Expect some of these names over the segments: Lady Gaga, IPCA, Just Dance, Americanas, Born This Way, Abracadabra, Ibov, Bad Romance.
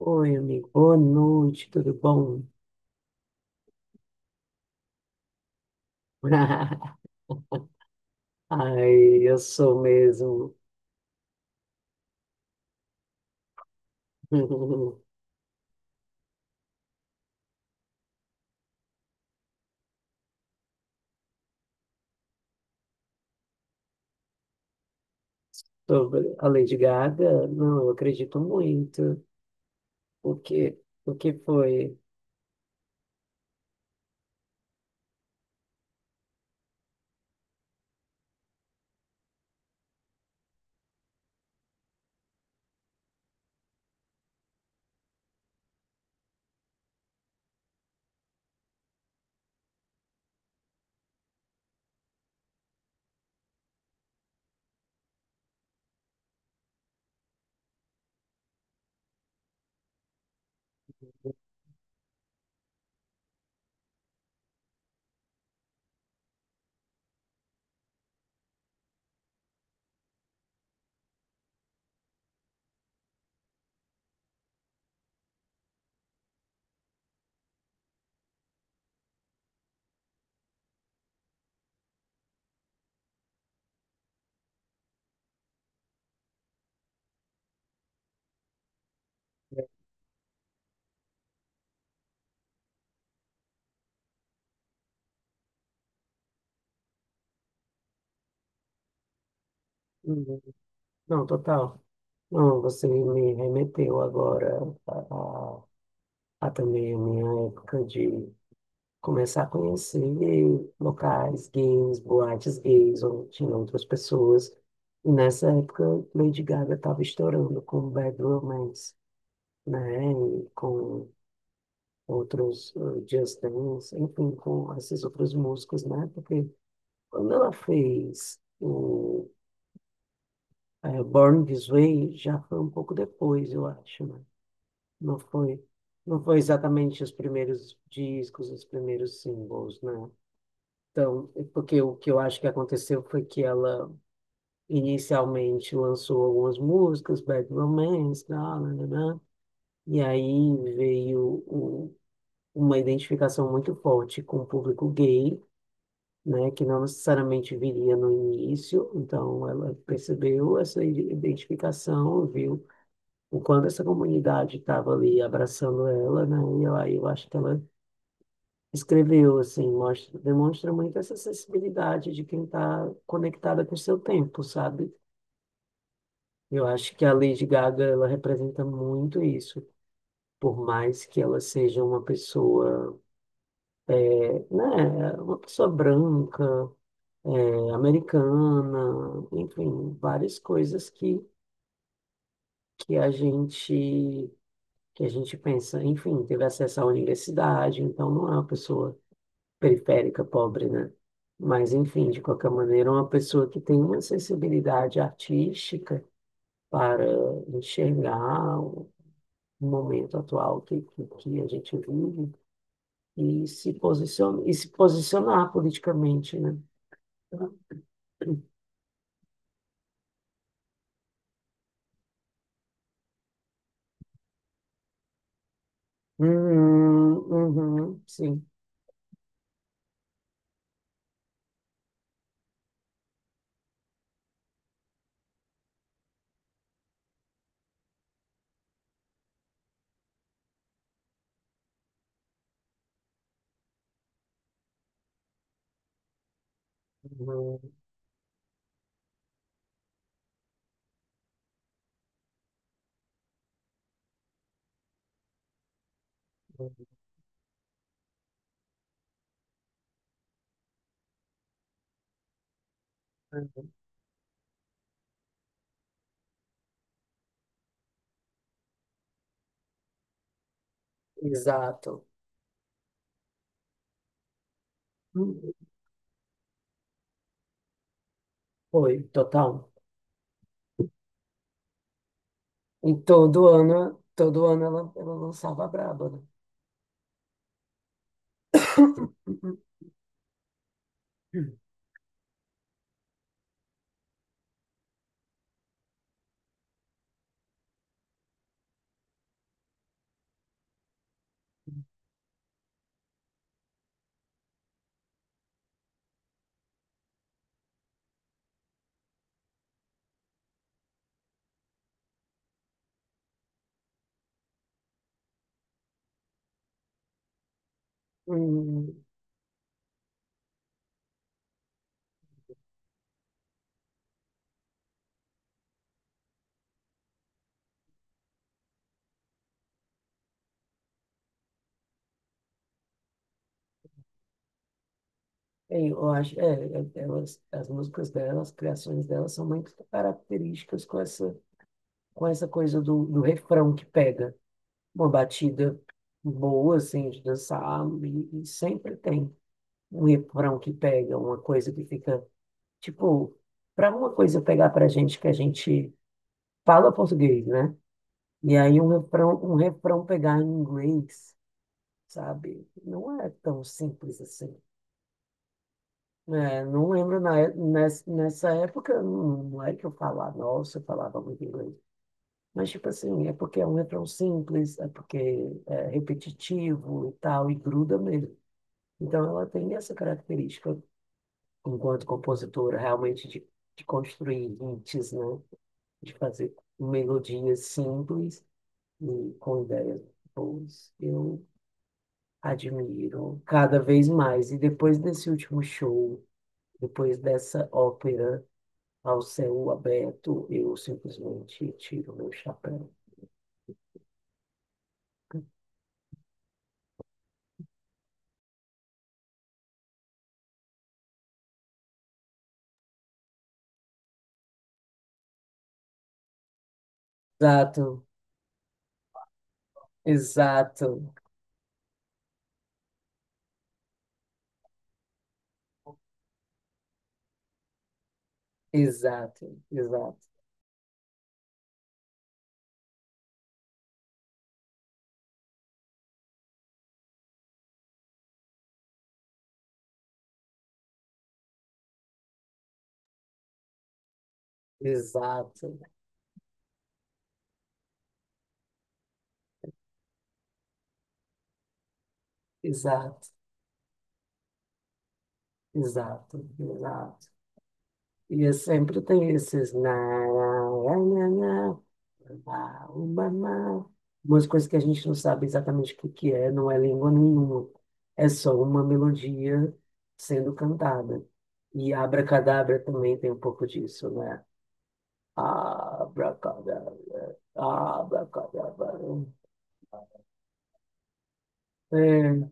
Oi, amigo. Boa noite, tudo bom? Ai, eu sou mesmo. Sobre a Lady Gaga, não, eu acredito muito. O que, o que foi? Uhum. Não, total. Não, você me remeteu agora a, a- a também a minha época de começar a conhecer locais gays, boates gays, onde tinham outras pessoas. E nessa época, Lady Gaga estava estourando com Bad Romance, né? E com outros Just Dance, enfim, com essas outras músicas, né? Porque quando ela fez o Born This Way, já foi um pouco depois, eu acho, né? Não foi, não foi exatamente os primeiros discos, os primeiros singles, né? Então, é porque o que eu acho que aconteceu foi que ela inicialmente lançou algumas músicas, Bad Romance, blá, blá, blá, blá, e aí veio uma identificação muito forte com o público gay, né, que não necessariamente viria no início, então ela percebeu essa identificação, viu o quanto essa comunidade estava ali abraçando ela, né, e aí eu acho que ela escreveu, assim, mostra, demonstra muito essa sensibilidade de quem está conectada com o seu tempo, sabe? Eu acho que a Lady Gaga, ela representa muito isso, por mais que ela seja uma pessoa, uma pessoa branca, americana, enfim, várias coisas que a gente que a gente pensa, enfim, teve acesso à universidade, então não é uma pessoa periférica, pobre, né? Mas, enfim, de qualquer maneira, uma pessoa que tem uma sensibilidade artística para enxergar o momento atual que a gente vive e se posiciona, e se posicionar politicamente, né? Uhum, uhum, sim. Uhum, uhum, uhum. Exato. Uhum. Foi, total. E todo ano ela lançava a braba, né? Uhum. É, eu acho, elas, as músicas delas, as criações delas são muito características com essa, coisa do refrão que pega uma batida boa, assim, de dançar, e sempre tem um refrão que pega, uma coisa que fica, tipo, para uma coisa pegar pra gente que a gente fala português, né? E aí um refrão pegar em inglês, sabe? Não é tão simples assim. É, não lembro nessa época, não é que eu falava, nossa, eu falava muito inglês. Mas, tipo assim, é porque é um refrão simples, é porque é repetitivo e tal, e gruda mesmo. Então, ela tem essa característica, enquanto compositora, realmente de construir hits, né? De fazer melodias simples e com ideias boas. Eu admiro cada vez mais. E depois desse último show, depois dessa ópera ao céu aberto, eu simplesmente tiro meu chapéu. Exato, exato, exato, exato, exato, exato, exato, exato. E eu sempre tenho esses na, na, na, na, na, uma, na. Umas coisas que a gente não sabe exatamente o que que é, não é língua nenhuma. É só uma melodia sendo cantada. E Abracadabra também tem um pouco disso, né? Abracadabra, abracadabra. É,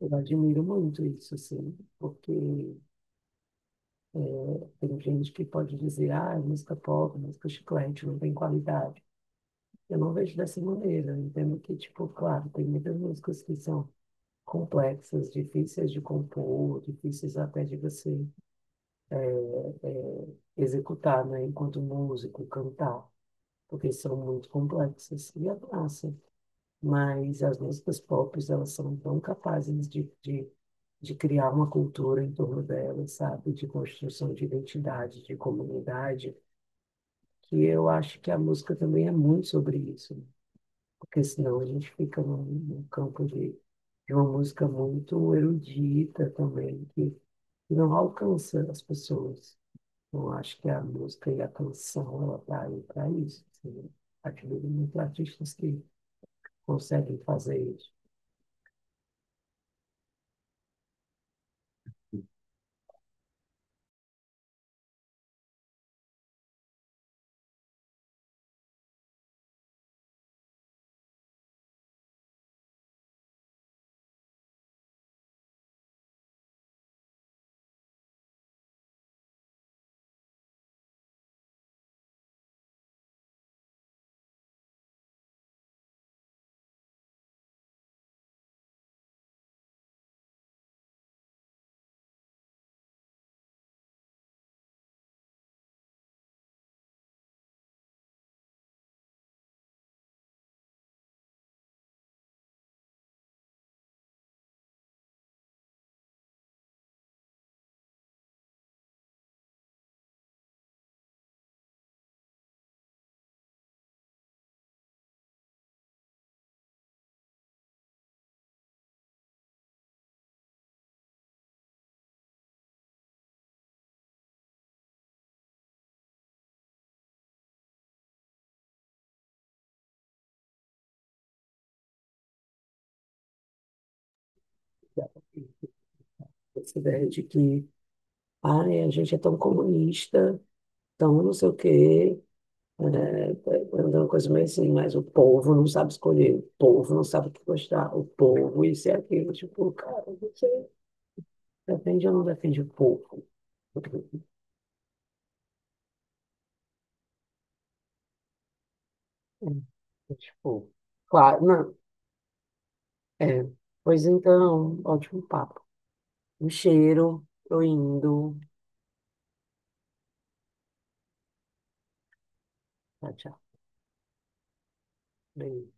eu admiro muito isso, assim, porque tem gente que pode dizer, ah, é música pop, música chiclete, não tem qualidade. Eu não vejo dessa maneira, eu entendo que, tipo, claro, tem muitas músicas que são complexas, difíceis de compor, difíceis até de você é, executar, né, enquanto músico, cantar, porque são muito complexas. E é massa, mas as músicas pop, elas são tão capazes de, de criar uma cultura em torno delas, sabe? De construção de identidade, de comunidade, que eu acho que a música também é muito sobre isso, né? Porque senão a gente fica num, campo de uma música muito erudita também, que não alcança as pessoas. Eu acho que a música e a canção, ela tá aí para isso. Assim, né? Admiro muito artistas que conseguem fazer isso. Essa ideia de que ai, a gente é tão comunista, tão não sei o quê, né? É uma coisa meio assim, mas o povo não sabe escolher, o povo não sabe o que gostar, o povo isso e aquilo. Tipo, cara, você defende ou não defende o povo? É, tipo, claro, não. É, pois então, ótimo papo. Um cheiro, tô indo. Tchau, tchau. Beijo.